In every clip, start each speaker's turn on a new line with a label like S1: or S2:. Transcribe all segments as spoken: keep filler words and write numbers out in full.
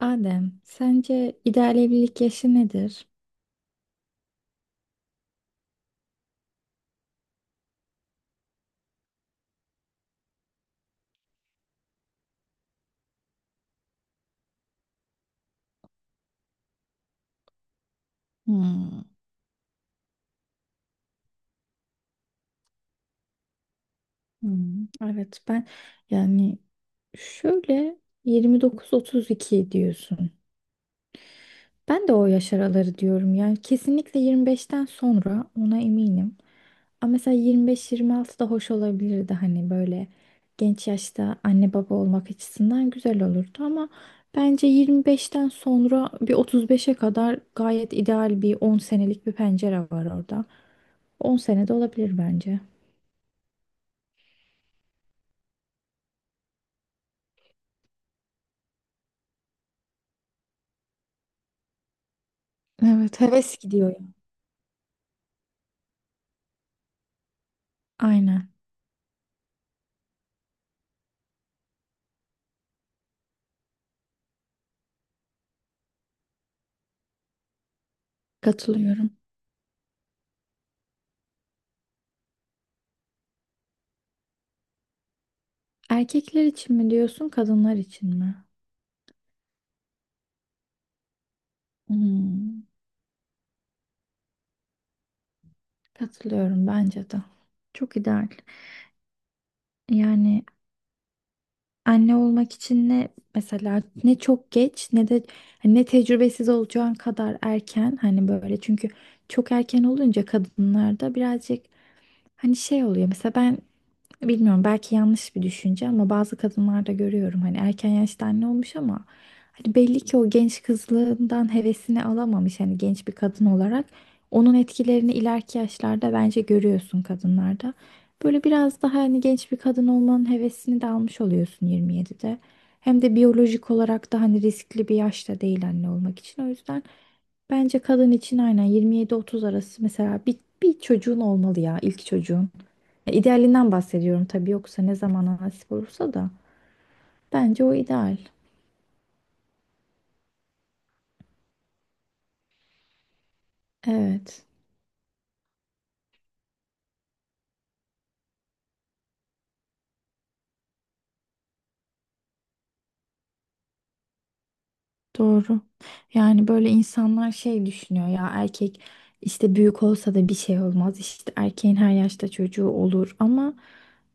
S1: Adem, sence ideal evlilik yaşı nedir? Hmm. Hmm, evet ben yani şöyle yirmi dokuz otuz iki diyorsun. Ben de o yaş araları diyorum yani kesinlikle yirmi beşten sonra ona eminim. Ama mesela yirmi beş yirmi altı da hoş olabilirdi hani böyle genç yaşta anne baba olmak açısından güzel olurdu ama bence yirmi beşten sonra bir otuz beşe kadar gayet ideal bir on senelik bir pencere var orada. on sene de olabilir bence. Evet, heves gidiyor ya. Aynen, katılıyorum. Erkekler için mi diyorsun, kadınlar için mi? Hmm. Katılıyorum bence de. Çok ideal. Yani anne olmak için ne mesela ne çok geç ne de hani ne tecrübesiz olacağın kadar erken hani böyle çünkü çok erken olunca kadınlarda birazcık hani şey oluyor. Mesela ben bilmiyorum, belki yanlış bir düşünce, ama bazı kadınlarda görüyorum hani erken yaşta anne olmuş ama hani belli ki o genç kızlığından hevesini alamamış hani genç bir kadın olarak onun etkilerini ileriki yaşlarda bence görüyorsun kadınlarda. Böyle biraz daha hani genç bir kadın olmanın hevesini de almış oluyorsun yirmi yedide. Hem de biyolojik olarak da hani riskli bir yaşta değil anne olmak için. O yüzden bence kadın için aynen yirmi yedi otuz arası mesela bir, bir çocuğun olmalı ya ilk çocuğun. Ya idealinden bahsediyorum tabii yoksa ne zamana nasip olursa da. Bence o ideal. Evet, doğru. Yani böyle insanlar şey düşünüyor ya erkek işte büyük olsa da bir şey olmaz. İşte erkeğin her yaşta çocuğu olur ama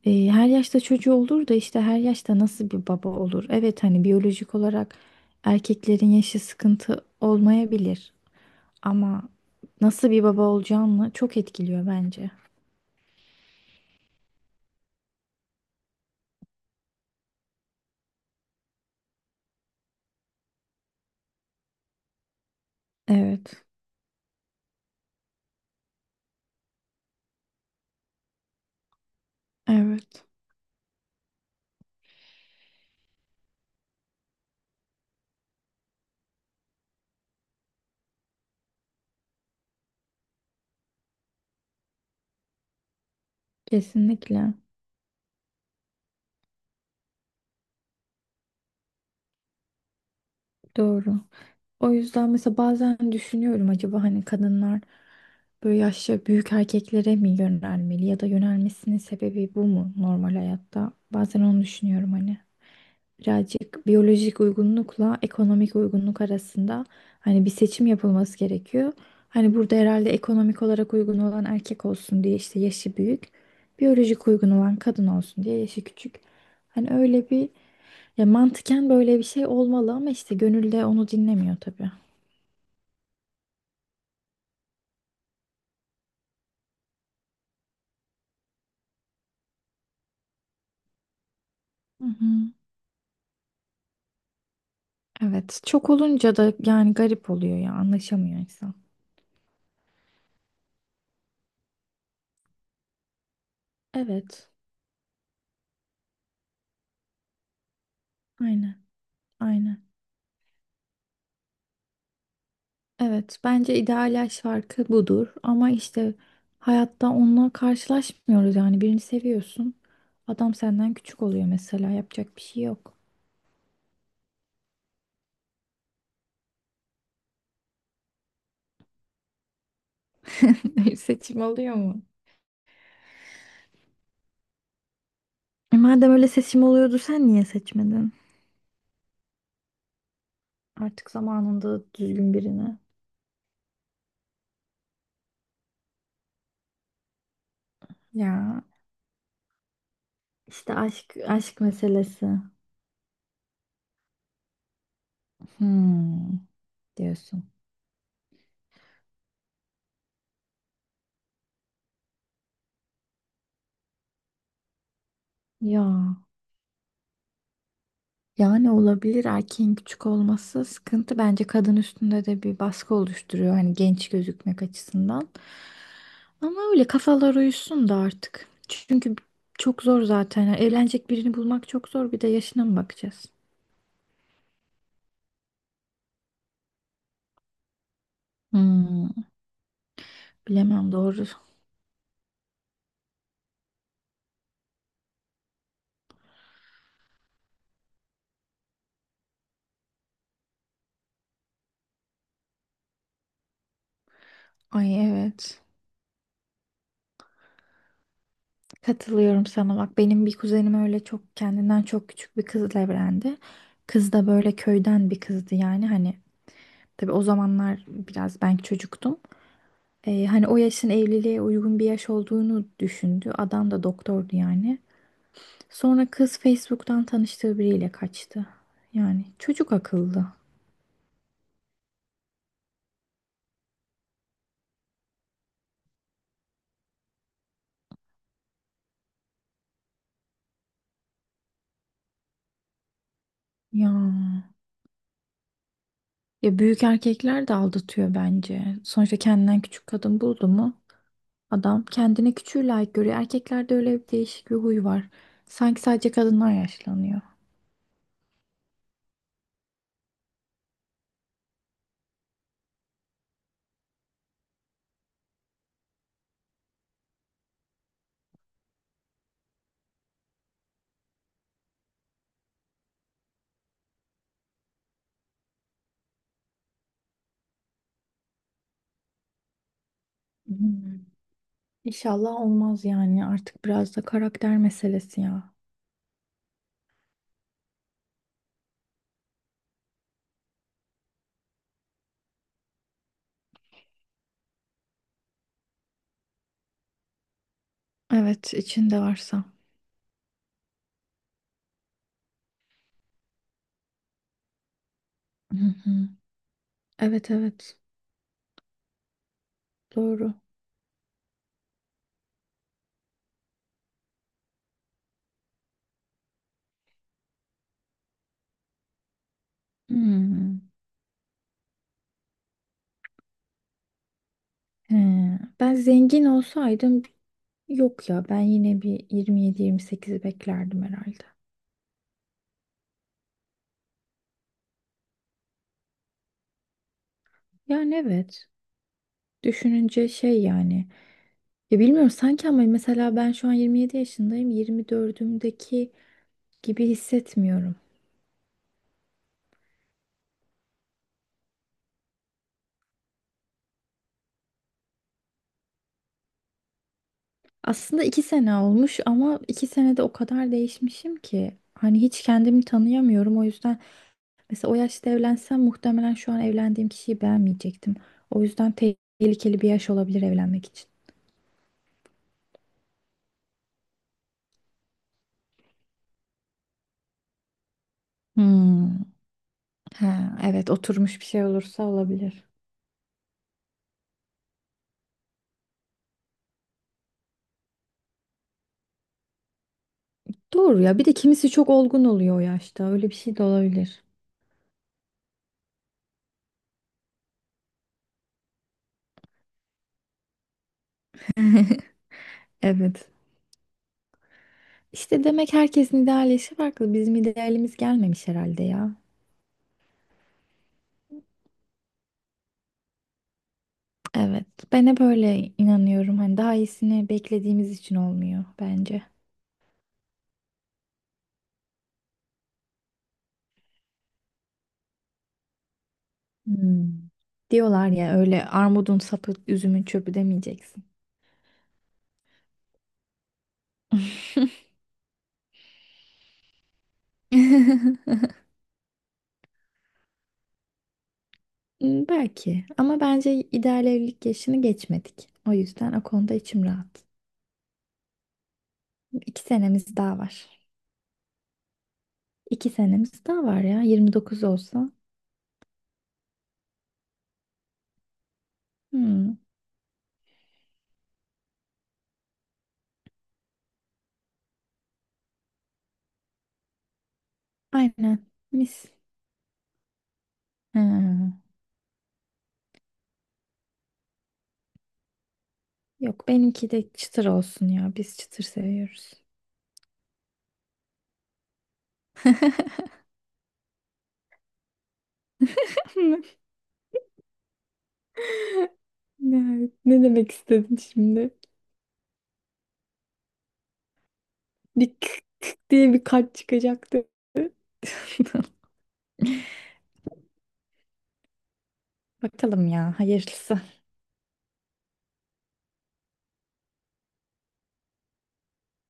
S1: e, her yaşta çocuğu olur da işte her yaşta nasıl bir baba olur? Evet hani biyolojik olarak erkeklerin yaşı sıkıntı olmayabilir ama nasıl bir baba olacağını çok etkiliyor bence. Evet, evet. Kesinlikle. Doğru. O yüzden mesela bazen düşünüyorum acaba hani kadınlar böyle yaşça büyük erkeklere mi yönelmeli ya da yönelmesinin sebebi bu mu normal hayatta? Bazen onu düşünüyorum hani. Birazcık biyolojik uygunlukla ekonomik uygunluk arasında hani bir seçim yapılması gerekiyor. Hani burada herhalde ekonomik olarak uygun olan erkek olsun diye işte yaşı büyük, biyolojik uygun olan kadın olsun diye yaşı küçük. Hani öyle bir ya mantıken böyle bir şey olmalı ama işte gönülde onu dinlemiyor tabii. Hı hı. Evet. Çok olunca da yani garip oluyor ya anlaşamıyor insan. Evet. Aynen. Aynen. Evet. Bence ideal yaş farkı budur ama işte hayatta onunla karşılaşmıyoruz yani birini seviyorsun. Adam senden küçük oluyor mesela yapacak bir şey yok. Seçim oluyor mu? E madem öyle seçim oluyordu sen niye seçmedin? Artık zamanında düzgün birini. Ya. İşte aşk aşk meselesi. Hmm, diyorsun. Ya yani olabilir erkeğin küçük olması sıkıntı bence kadın üstünde de bir baskı oluşturuyor hani genç gözükmek açısından. Ama öyle kafalar uyuşsun da artık. Çünkü çok zor zaten. Yani evlenecek birini bulmak çok zor. Bir de yaşına mı bakacağız? Hmm, bilemem doğru. Ay evet. Katılıyorum sana bak benim bir kuzenim öyle çok kendinden çok küçük bir kızla evlendi. Kız da böyle köyden bir kızdı yani hani tabii o zamanlar biraz ben çocuktum. Ee, hani o yaşın evliliğe uygun bir yaş olduğunu düşündü. Adam da doktordu yani. Sonra kız Facebook'tan tanıştığı biriyle kaçtı. Yani çocuk akıllı. Ya, ya büyük erkekler de aldatıyor bence. Sonuçta kendinden küçük kadın buldu mu? Adam kendini küçüğü layık görüyor. Erkeklerde öyle bir değişik bir huy var. Sanki sadece kadınlar yaşlanıyor. Hmm. İnşallah olmaz yani. Artık biraz da karakter meselesi ya. Evet, içinde varsa. Hı hı. Evet, evet. Doğru. Hmm. He. Ben zengin olsaydım yok ya. Ben yine bir yirmi yedi yirmi sekizi beklerdim herhalde. Yani evet. Düşününce şey yani. Ya bilmiyorum sanki ama mesela ben şu an yirmi yedi yaşındayım. yirmi dördümdeki gibi hissetmiyorum. Aslında iki sene olmuş ama iki senede o kadar değişmişim ki. Hani hiç kendimi tanıyamıyorum. O yüzden mesela o yaşta evlensem muhtemelen şu an evlendiğim kişiyi beğenmeyecektim. O yüzden tehlikeli bir yaş olabilir evlenmek için. Hmm. Ha, evet oturmuş bir şey olursa olabilir. Doğru ya. Bir de kimisi çok olgun oluyor o yaşta. Öyle bir şey de olabilir. Evet. İşte demek herkesin ideal yaşı farklı. Bizim idealimiz gelmemiş herhalde ya. Evet. Ben hep öyle inanıyorum. Hani daha iyisini beklediğimiz için olmuyor bence. Hmm. Diyorlar ya öyle armudun sapı üzümün çöpü demeyeceksin. Hmm, belki ama bence ideal evlilik yaşını geçmedik. O yüzden o konuda içim rahat. iki senemiz daha var. iki senemiz daha var ya. yirmi dokuz olsa. Hmm, aynen. Mis. Ha, yok benimki de çıtır olsun ya. Biz çıtır seviyoruz. Ne, ne demek istedin şimdi? Bir kık kık diye bir kalp çıkacaktı. Bakalım ya hayırlısı.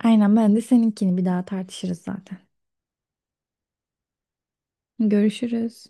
S1: Aynen ben de seninkini bir daha tartışırız zaten. Görüşürüz.